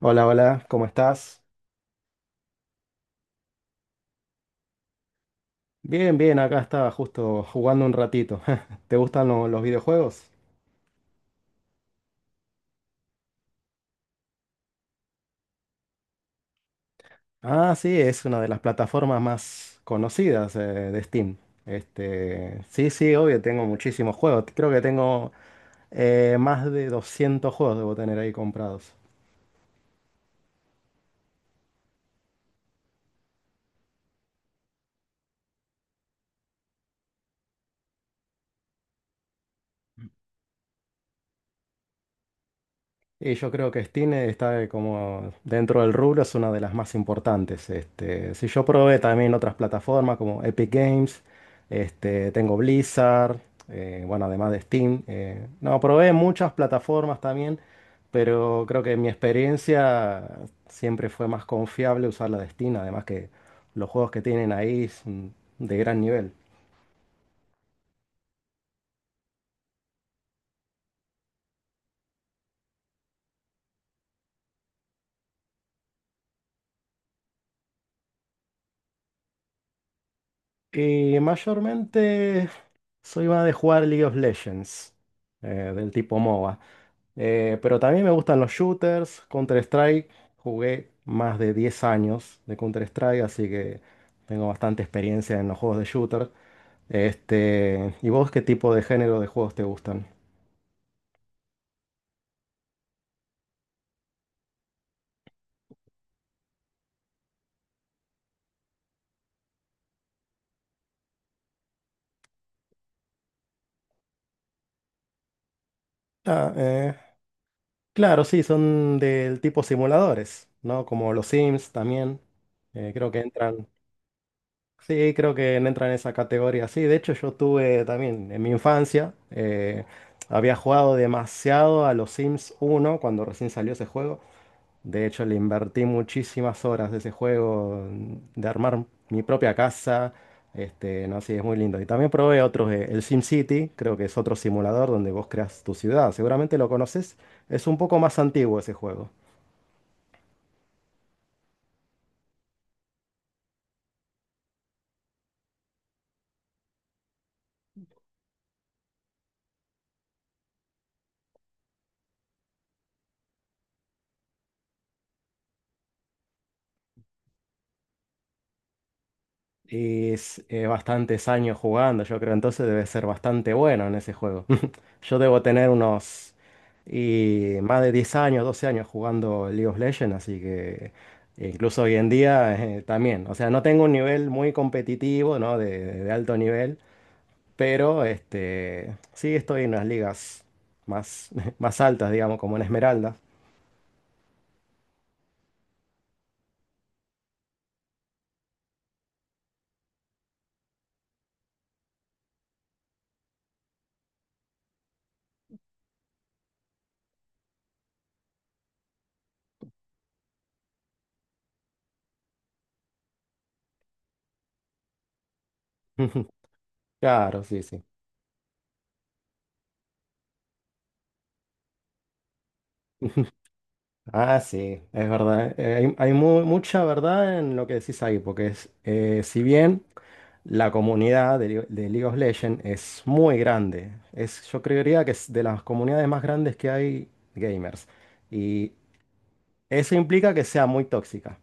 Hola, hola, ¿cómo estás? Bien, bien, acá estaba justo jugando un ratito. ¿Te gustan los videojuegos? Ah, sí, es una de las plataformas más conocidas de Steam. Este, sí, sí, obvio, tengo muchísimos juegos. Creo que tengo más de 200 juegos debo tener ahí comprados. Y yo creo que Steam está como dentro del rubro, es una de las más importantes. Este, si yo probé también otras plataformas como Epic Games, este, tengo Blizzard, bueno, además de Steam. No, probé muchas plataformas también, pero creo que mi experiencia siempre fue más confiable usar la de Steam, además que los juegos que tienen ahí son de gran nivel. Y mayormente soy más de jugar League of Legends, del tipo MOBA. Pero también me gustan los shooters, Counter-Strike. Jugué más de 10 años de Counter-Strike, así que tengo bastante experiencia en los juegos de shooter. Este, ¿y vos qué tipo de género de juegos te gustan? Ah, claro, sí, son del tipo simuladores, ¿no? Como los Sims también. Creo que entran. Sí, creo que entra en esa categoría. Sí, de hecho yo tuve también en mi infancia, había jugado demasiado a los Sims 1 cuando recién salió ese juego. De hecho le invertí muchísimas horas de ese juego, de armar mi propia casa. Este, no, sí, es muy lindo. Y también probé otros, el SimCity, creo que es otro simulador donde vos creas tu ciudad. Seguramente lo conoces. Es un poco más antiguo ese juego. Y es, bastantes años jugando, yo creo, entonces debe ser bastante bueno en ese juego. Yo debo tener unos y más de 10 años, 12 años jugando League of Legends, así que incluso hoy en día también. O sea, no tengo un nivel muy competitivo, ¿no? De alto nivel, pero este, sí estoy en las ligas más, más altas, digamos, como en Esmeralda. Claro, sí, sí. Ah, sí, es verdad. hay mucha verdad en lo que decís ahí, porque es, si bien la comunidad de League of Legends es muy grande, es, yo creería que es de las comunidades más grandes que hay gamers, y eso implica que sea muy tóxica.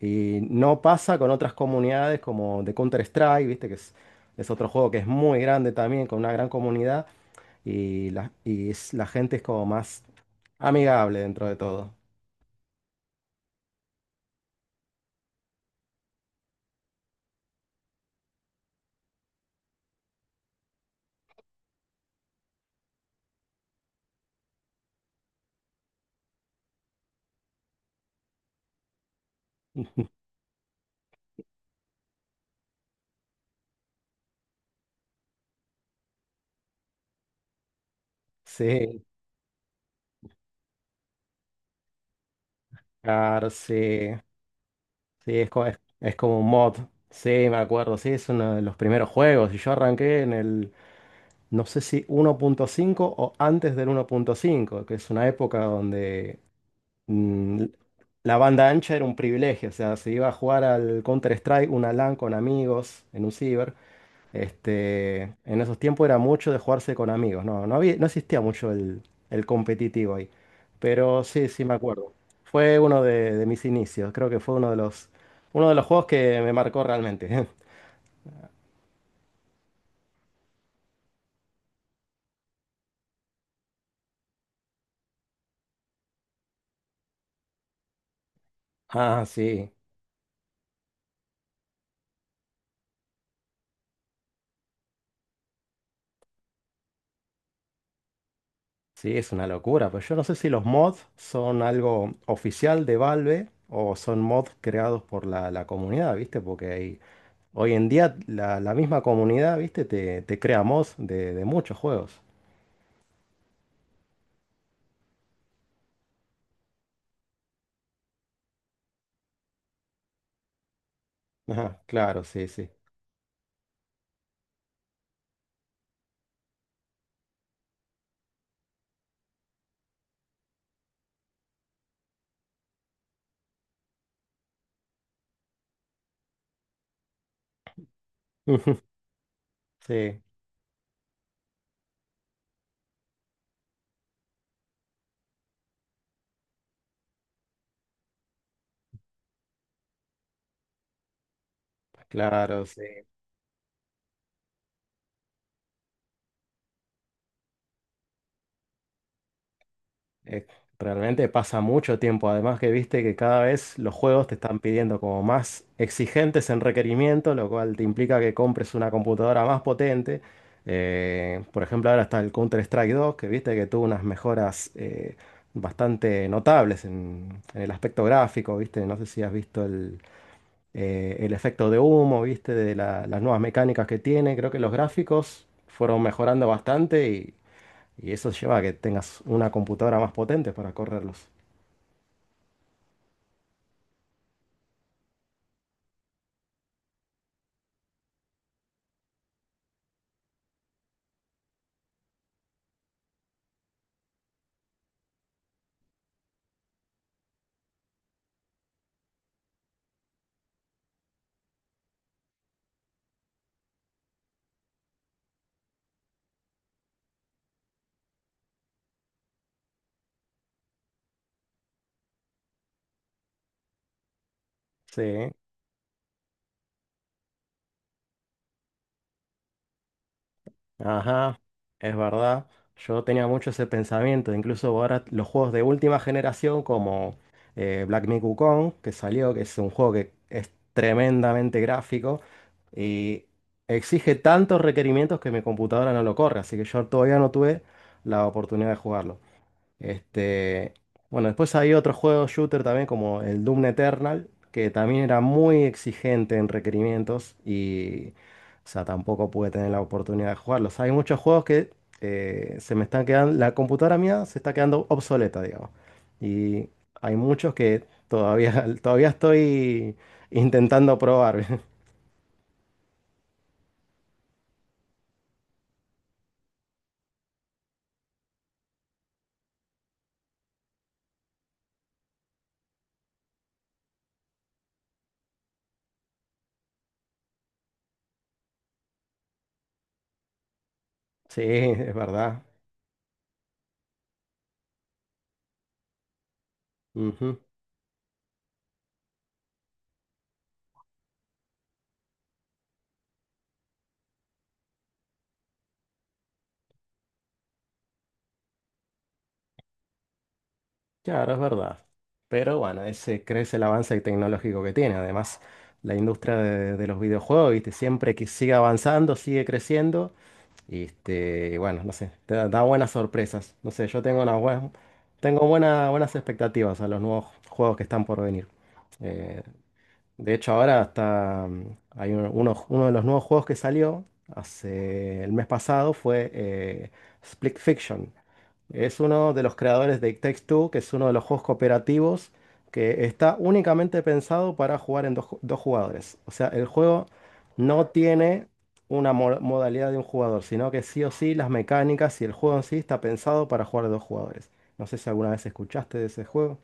Y no pasa con otras comunidades como de Counter-Strike, viste que es otro juego que es muy grande también, con una gran comunidad, y la gente es como más amigable dentro de todo. Sí. Claro, sí, sí, es como un mod. Sí, me acuerdo, sí, es uno de los primeros juegos. Y yo arranqué en el, no sé si 1.5 o antes del 1.5, que es una época donde mm, la banda ancha era un privilegio. O sea, se iba a jugar al Counter-Strike, una LAN con amigos en un ciber. Este, en esos tiempos era mucho de jugarse con amigos, no, no había, no existía mucho el competitivo ahí. Pero sí, sí me acuerdo. Fue uno de mis inicios, creo que fue uno de los juegos que me marcó realmente. Ah, sí, sí, es una locura. Pues yo no sé si los mods son algo oficial de Valve o son mods creados por la comunidad, ¿viste? Porque hoy en día la misma comunidad, ¿viste? Te crea mods de muchos juegos. Ajá, claro, sí, sí. Sí, claro, sí. Eh, Realmente pasa mucho tiempo. Además que viste que cada vez los juegos te están pidiendo como más exigentes en requerimiento, lo cual te implica que compres una computadora más potente. Por ejemplo, ahora está el Counter-Strike 2 que viste que tuvo unas mejoras bastante notables en el aspecto gráfico, viste. No sé si has visto el efecto de humo, viste, de las nuevas mecánicas que tiene. Creo que los gráficos fueron mejorando bastante. Y eso lleva a que tengas una computadora más potente para correrlos. Sí, ajá, es verdad. Yo tenía mucho ese pensamiento. Incluso ahora los juegos de última generación como Black Myth Wukong, que salió, que es un juego que es tremendamente gráfico y exige tantos requerimientos que mi computadora no lo corre. Así que yo todavía no tuve la oportunidad de jugarlo. Este, bueno, después hay otros juegos shooter también como el Doom Eternal, que también era muy exigente en requerimientos y, o sea, tampoco pude tener la oportunidad de jugarlos. Hay muchos juegos que se me están quedando, la computadora mía se está quedando obsoleta, digamos. Y hay muchos que todavía, todavía estoy intentando probar. Sí, es verdad. Claro, es verdad. Pero bueno, ese crece el avance tecnológico que tiene. Además, la industria de los videojuegos, ¿viste? Siempre que sigue avanzando, sigue creciendo. Y este, y bueno, no sé, te da buenas sorpresas. No sé, yo tengo una buen- tengo buena- buenas expectativas a los nuevos juegos que están por venir. Eh, de hecho, ahora hasta hay uno de los nuevos juegos que salió hace el mes pasado fue Split Fiction. Es uno de los creadores de It Takes Two, que es uno de los juegos cooperativos que está únicamente pensado para jugar en dos jugadores. O sea, el juego no tiene una modalidad de un jugador, sino que sí o sí las mecánicas y el juego en sí está pensado para jugar de dos jugadores. No sé si alguna vez escuchaste de ese juego.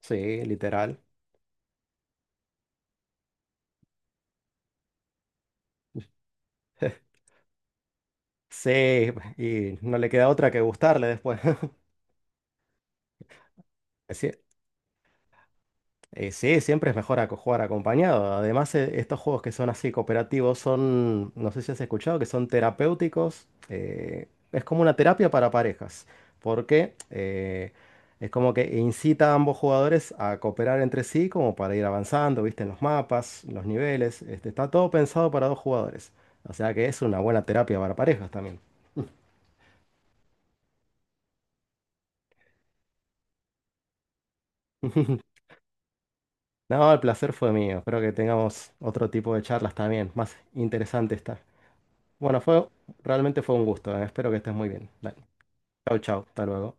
Sí, literal. Sí, y no le queda otra que gustarle después. Sí, sí, siempre es mejor jugar acompañado. Además, estos juegos que son así cooperativos son, no sé si has escuchado, que son terapéuticos. Es como una terapia para parejas, porque es como que incita a ambos jugadores a cooperar entre sí como para ir avanzando, viste, en los mapas, los niveles. Este, está todo pensado para dos jugadores. O sea que es una buena terapia para parejas también. No, el placer fue mío. Espero que tengamos otro tipo de charlas también, más interesante esta. Bueno, realmente fue un gusto. Espero que estés muy bien. Dale. Chau, chau. Hasta luego.